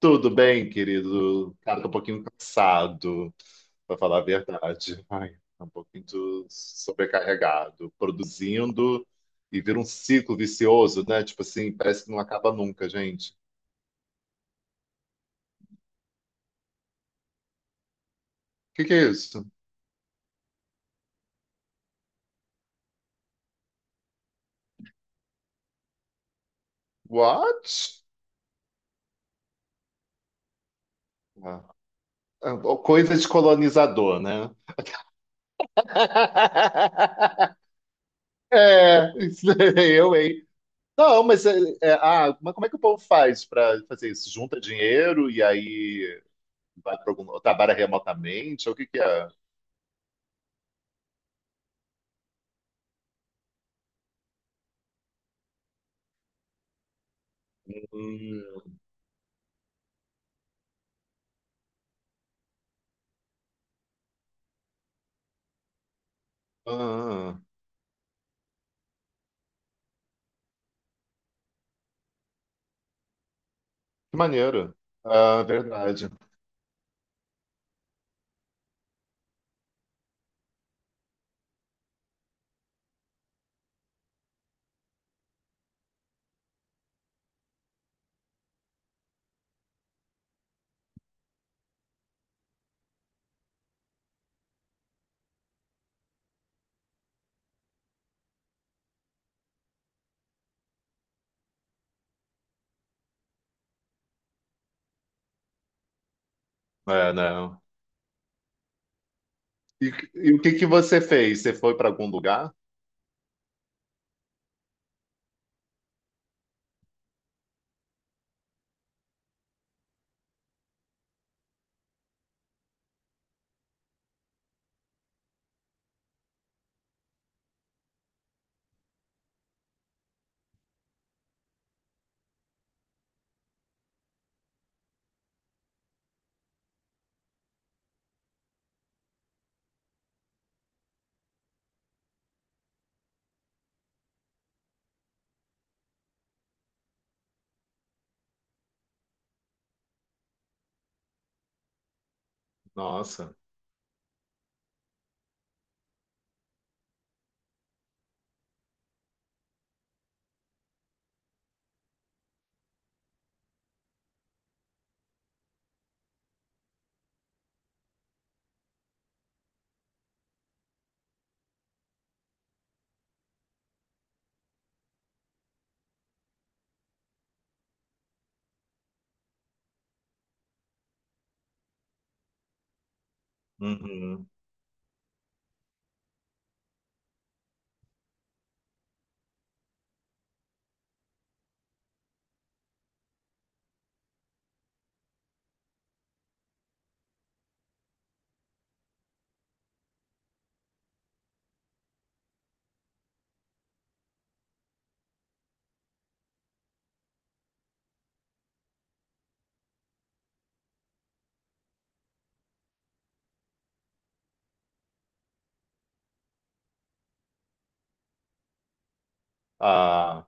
Tudo bem, querido? Cara, tô um pouquinho cansado, pra falar a verdade. Ai, tô um pouquinho sobrecarregado, produzindo e vira um ciclo vicioso, né? Tipo assim, parece que não acaba nunca, gente. O que que é isso? What? Ah, ah, Coisa de colonizador, né? É, isso aí, eu, hein? Não, mas, mas como é que o povo faz pra fazer isso? Junta dinheiro e aí, vai para algum, trabalha remotamente? Ou o que que é? Hum. Ah, que maneiro. Ah, verdade. É, não. E, e o que que você fez? Você foi para algum lugar? Nossa. Uhum. Ah,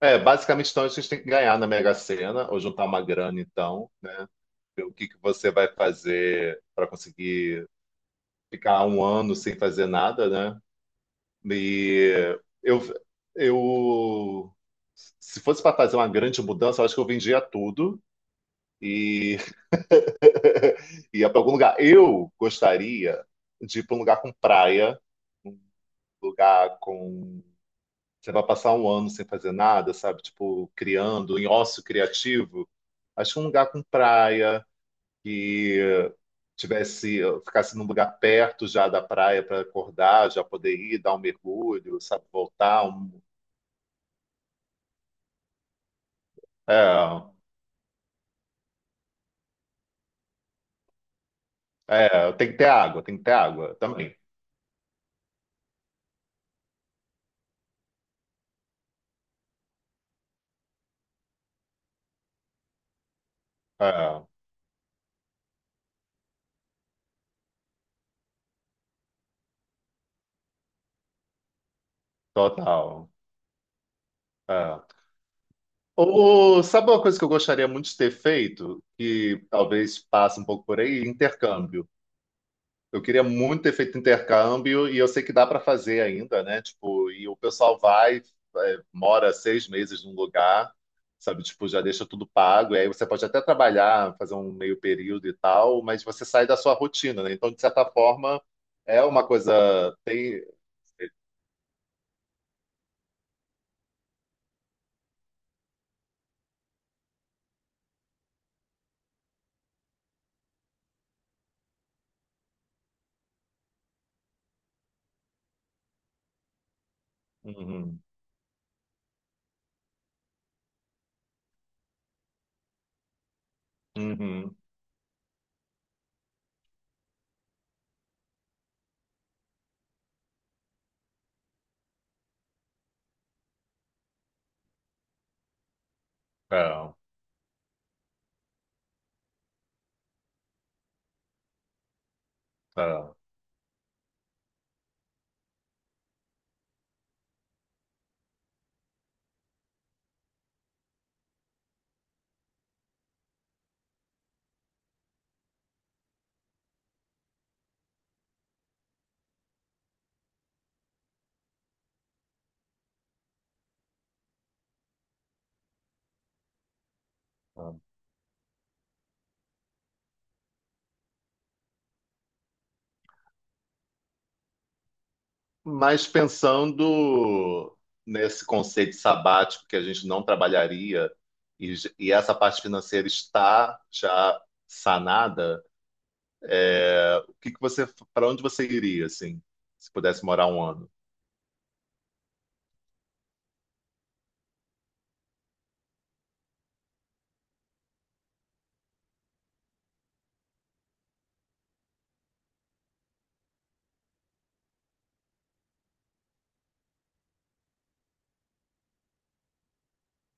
é, basicamente, então, a gente tem que ganhar na Mega Sena, ou juntar uma grana, então, né? Ver o que que você vai fazer para conseguir ficar um ano sem fazer nada, né? E eu, eu, se fosse para fazer uma grande mudança, eu acho que eu vendia tudo e ia para algum lugar. Eu gostaria de ir para um lugar com praia, lugar com. Você vai passar um ano sem fazer nada, sabe? Tipo, criando, em ócio criativo. Acho que um lugar com praia, que tivesse, ficasse num lugar perto já da praia para acordar, já poder ir, dar um mergulho, sabe? Voltar. Um... É, é, tem que ter água, tem que ter água também. É, total. É. Ô, sabe uma coisa que eu gostaria muito de ter feito, que talvez passe um pouco por aí? Intercâmbio. Eu queria muito ter feito intercâmbio e eu sei que dá para fazer ainda, né? Tipo, e o pessoal vai, é, mora 6 meses num lugar, sabe? Tipo, já deixa tudo pago. E aí você pode até trabalhar, fazer um meio período e tal, mas você sai da sua rotina, né? Então, de certa forma, é uma coisa. Tem... Uhum, uhum. É, é, é. Mas pensando nesse conceito sabático que a gente não trabalharia e essa parte financeira está já sanada, é, o que que você, para onde você iria, assim, se pudesse morar um ano?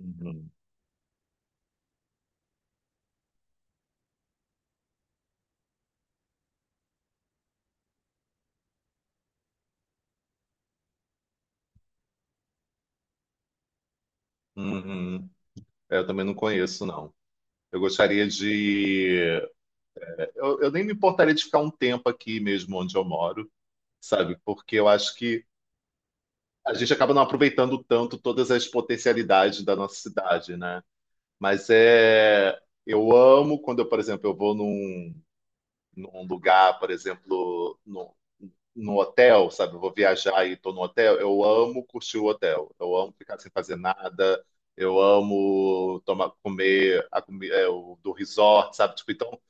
Uhum. Uhum. É, eu também não conheço, não. Eu gostaria de. Eu nem me importaria de ficar um tempo aqui mesmo onde eu moro, sabe? Porque eu acho que a gente acaba não aproveitando tanto todas as potencialidades da nossa cidade, né? Mas é, eu amo quando eu, por exemplo, eu vou num, lugar, por exemplo, no hotel, sabe? Eu vou viajar e estou no hotel. Eu amo curtir o hotel. Eu amo ficar sem fazer nada. Eu amo tomar, comer o do resort, sabe? Tipo, então,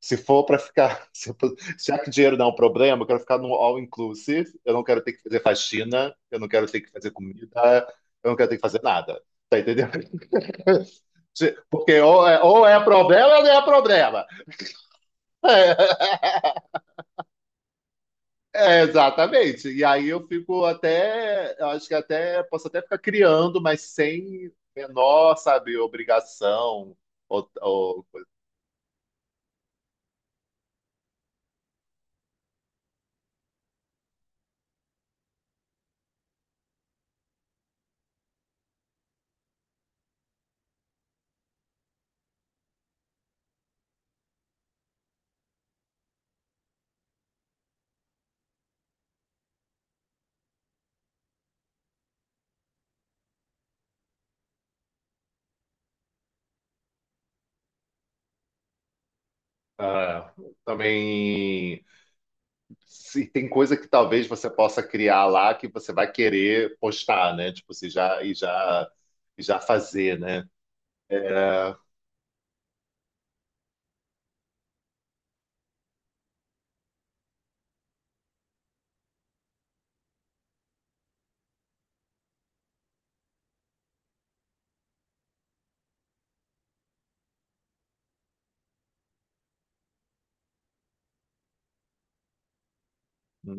se for para ficar, se for- já que dinheiro não é um problema, eu quero ficar no all inclusive. Eu não quero ter que fazer faxina. Eu não quero ter que fazer comida. Eu não quero ter que fazer nada. Tá entendendo? Porque ou é problema ou não é problema. É, é, exatamente. E aí eu fico até, eu acho que até posso até ficar criando, mas sem menor, sabe, obrigação. Ou, ah, também se tem coisa que talvez você possa criar lá que você vai querer postar, né? Tipo, você já e já e já fazer, né? É,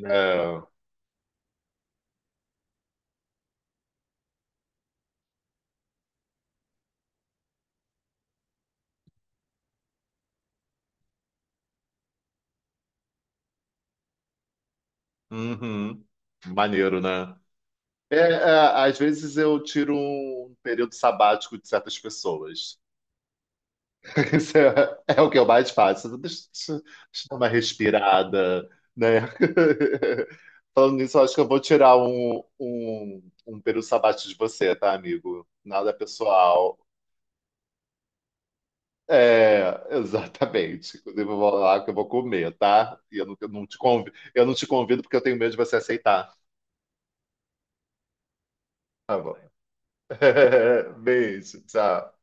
é, uhum. Maneiro, né? É, é, às vezes eu tiro um período sabático de certas pessoas. Isso é o que eu mais faço. Deixa eu dar uma respirada, né? Falando nisso, eu acho que eu vou tirar um período sabático de você, tá, amigo? Nada pessoal. É, exatamente. Inclusive, eu vou lá que eu vou comer, tá? E eu não te convido, eu não te convido porque eu tenho medo de você aceitar. Tá bom. Beijo, tchau.